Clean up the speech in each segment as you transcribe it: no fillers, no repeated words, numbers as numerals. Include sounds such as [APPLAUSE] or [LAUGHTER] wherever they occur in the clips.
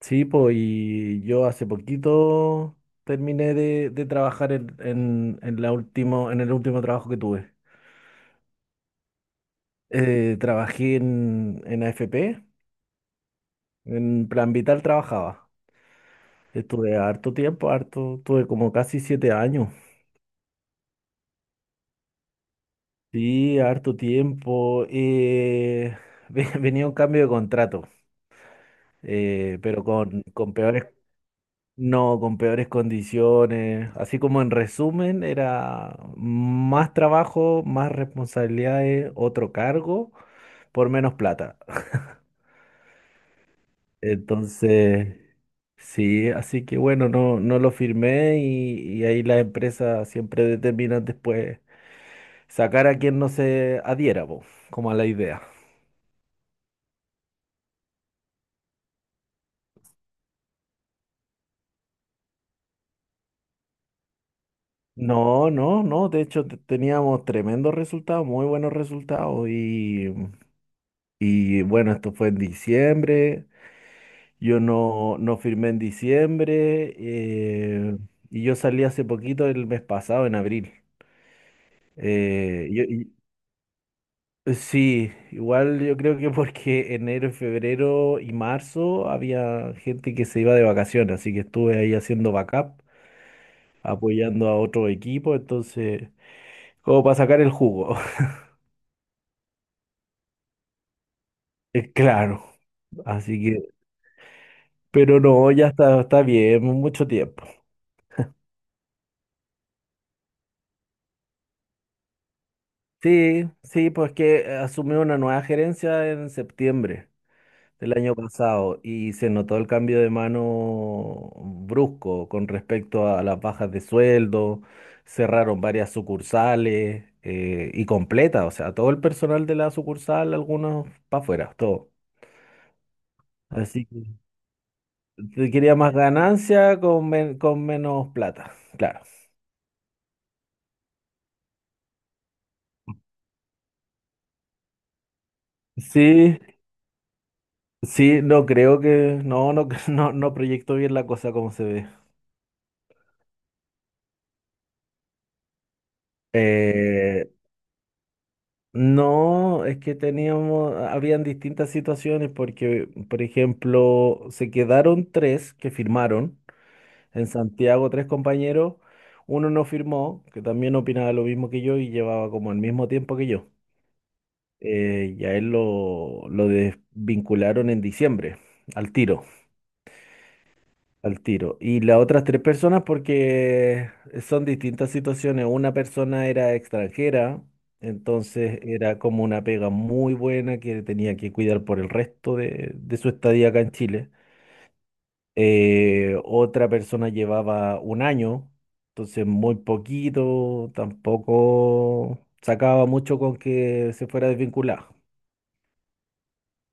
Sí, pues, y yo hace poquito terminé de trabajar en la último, en el último trabajo que tuve. Trabajé en AFP, en Plan Vital trabajaba. Estuve harto tiempo, harto, estuve como casi 7 años. Sí, harto tiempo. [LAUGHS] Venía un cambio de contrato, pero con peores, no, con peores condiciones. Así como en resumen, era más trabajo, más responsabilidades, otro cargo, por menos plata. Entonces, sí, así que bueno, no, no lo firmé y ahí las empresas siempre determinan después sacar a quien no se adhiera, po, como a la idea. No, no, no, de hecho teníamos tremendos resultados, muy buenos resultados y bueno, esto fue en diciembre. Yo no, no firmé en diciembre y yo salí hace poquito el mes pasado, en abril. Eh, yo- y- sí, igual yo creo que porque enero, febrero y marzo había gente que se iba de vacaciones, así que estuve ahí haciendo backup, apoyando a otro equipo, entonces, como para sacar el jugo. [LAUGHS] Claro, así que, pero no, ya está, está bien, mucho tiempo. Sí, sí, pues que asumió una nueva gerencia en septiembre del año pasado y se notó el cambio de mano brusco con respecto a las bajas de sueldo, cerraron varias sucursales y completa, o sea, todo el personal de la sucursal, algunos para afuera, todo. Así que te quería más ganancia con, con menos plata, claro. Sí, sí, no creo que, no, no, [LAUGHS] no, no proyecto bien la cosa como se ve. Eh, No, es que teníamos, habían distintas situaciones porque, por ejemplo, se quedaron tres que firmaron, en Santiago tres compañeros, uno no firmó, que también opinaba lo mismo que yo y llevaba como el mismo tiempo que yo. Y a él lo desvincularon en diciembre, al tiro. Al tiro. Y las otras tres personas porque son distintas situaciones. Una persona era extranjera, entonces era como una pega muy buena que tenía que cuidar por el resto de su estadía acá en Chile. Otra persona llevaba un año, entonces muy poquito, tampoco sacaba mucho con que se fuera desvinculado.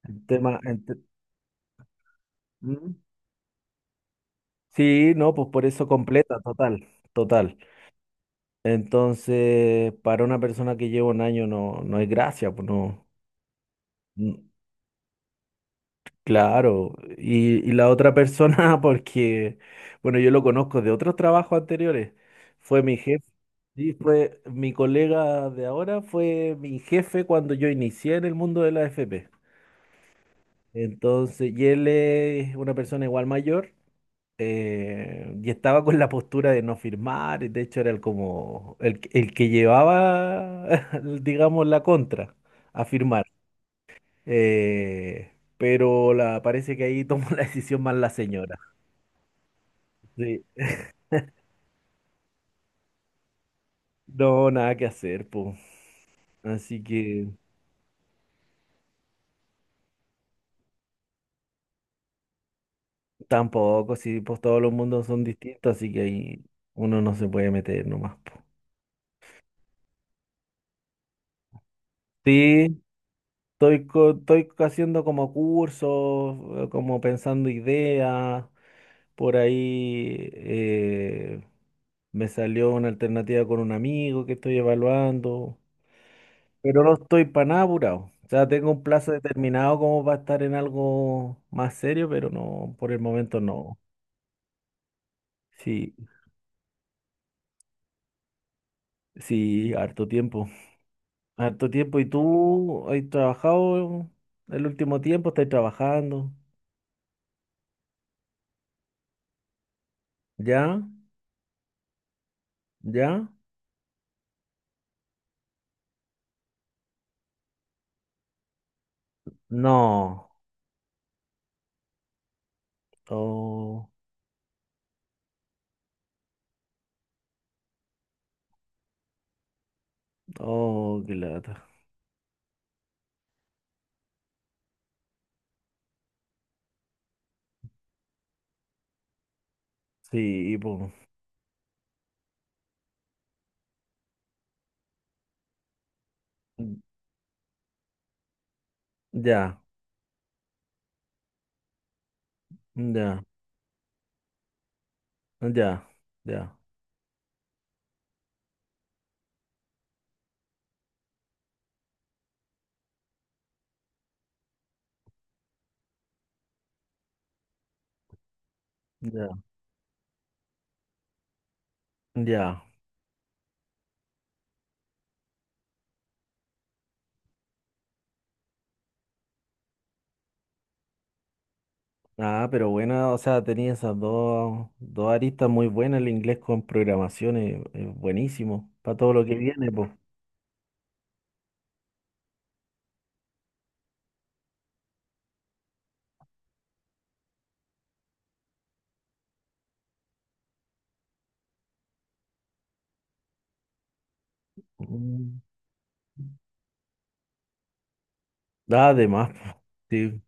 El tema, ¿mm? Sí, no, pues por eso completa, total, total. Entonces, para una persona que lleva un año no, no es gracia, pues no. n- Claro. Y la otra persona, [LAUGHS] porque, bueno, yo lo conozco de otros trabajos anteriores, fue mi jefe. Sí, fue mi colega de ahora, fue mi jefe cuando yo inicié en el mundo de la FP. Entonces, y él es una persona igual mayor. Y estaba con la postura de no firmar, y de hecho era el como el que llevaba, [LAUGHS] digamos, la contra a firmar. Pero la, parece que ahí tomó [LAUGHS] la decisión más la señora. Sí, no, nada que hacer, pues. Así que tampoco, si pues todos los mundos son distintos, así que ahí uno no se puede meter nomás, po. Sí, estoy, estoy haciendo como cursos, como pensando ideas. Por ahí me salió una alternativa con un amigo que estoy evaluando, pero no estoy para nada apurado. O sea, tengo un plazo determinado como para estar en algo más serio, pero no, por el momento no. Sí, sí, harto tiempo. Harto tiempo. ¿Y tú has trabajado el último tiempo? ¿Estás trabajando? ¿Ya? ¿Ya? No. Oh, oh, qué lata. Sí, pues. Ya, ya. Ya, ya, ya, ya. Ah, pero buena, o sea, tenía esas dos, dos aristas muy buenas, el inglés con programación es buenísimo, para todo lo que viene, pues. Además, po. Sí,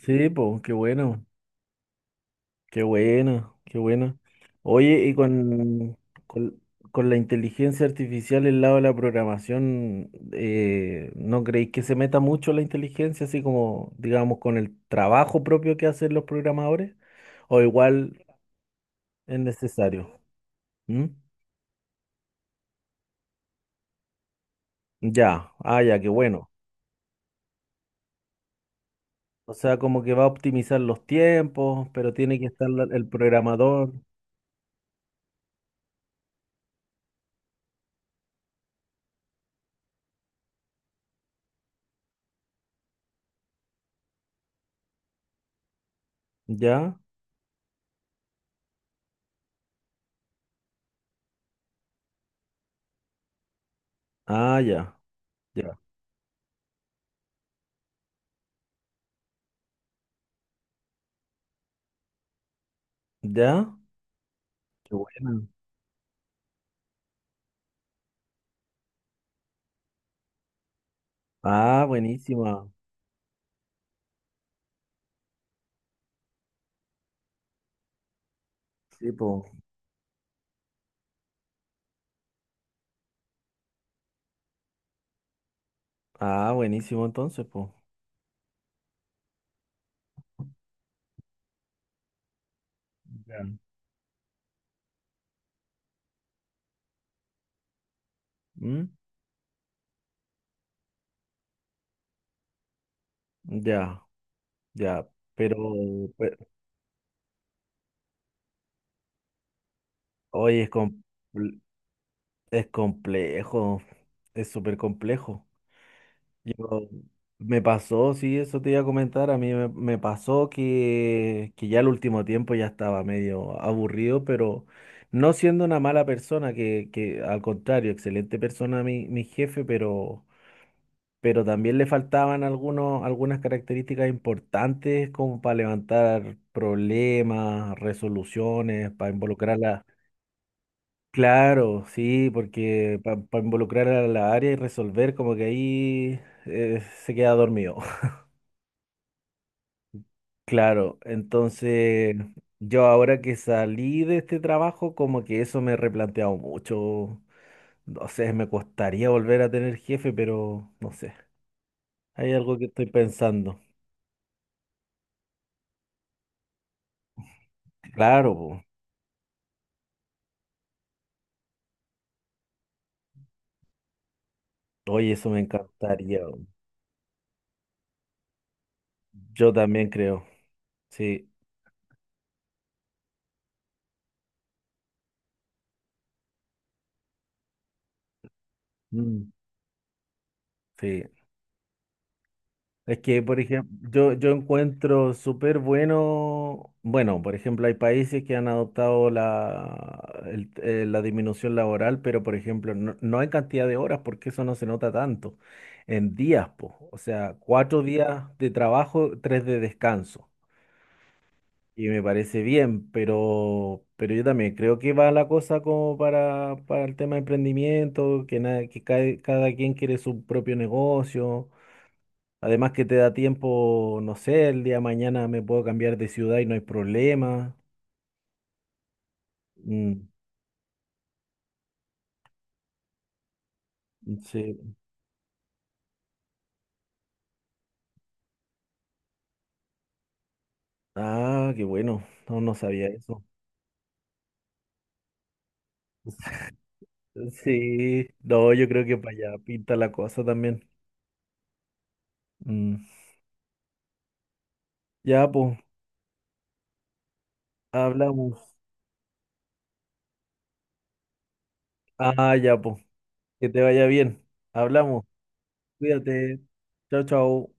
sí, pues, qué bueno, qué bueno, qué bueno. Oye, y con, con la inteligencia artificial el lado de la programación, ¿no creéis que se meta mucho la inteligencia, así como, digamos, con el trabajo propio que hacen los programadores? O igual es necesario. ¿Mm? Ya, ah, ya, qué bueno. O sea, como que va a optimizar los tiempos, pero tiene que estar el programador. Ya, ah, ya, ya, ya. Qué bueno. Ah, buenísima. Sí, po. Ah, buenísimo entonces, pues. Ya. ¿Mm? Ya, ya. Pero, pe- oye, es, es complejo. Es súper complejo. Pero me pasó, sí, eso te iba a comentar, a mí me, me pasó que ya el último tiempo ya estaba medio aburrido, pero no siendo una mala persona, que al contrario, excelente persona mi, mi jefe, pero también le faltaban algunos, algunas características importantes como para levantar problemas, resoluciones, para involucrarla. Claro, sí, porque para involucrar a la área y resolver, como que ahí se queda dormido. Claro, entonces yo ahora que salí de este trabajo, como que eso me he replanteado mucho. No sé, me costaría volver a tener jefe, pero no sé. Hay algo que estoy pensando. Claro, po. Oye, eso me encantaría. Yo también creo. Sí. Mm. Sí. Es que, por ejemplo, yo encuentro súper bueno, bueno, por ejemplo, hay países que han adoptado la, la disminución laboral, pero, por ejemplo, no, no en cantidad de horas, porque eso no se nota tanto, en días, po. O sea, 4 días de trabajo, 3 de descanso. Y me parece bien, pero yo también creo que va la cosa como para el tema de emprendimiento, que, nada, que cada, cada quien quiere su propio negocio. Además que te da tiempo, no sé, el día de mañana me puedo cambiar de ciudad y no hay problema. Mm, sí. Ah, qué bueno. No, no sabía eso. [LAUGHS] Sí, no, yo creo que para allá pinta la cosa también. Mm. Ya, pues, hablamos. Ah, ya, pues, que te vaya bien. Hablamos. Cuídate. Chao, chao.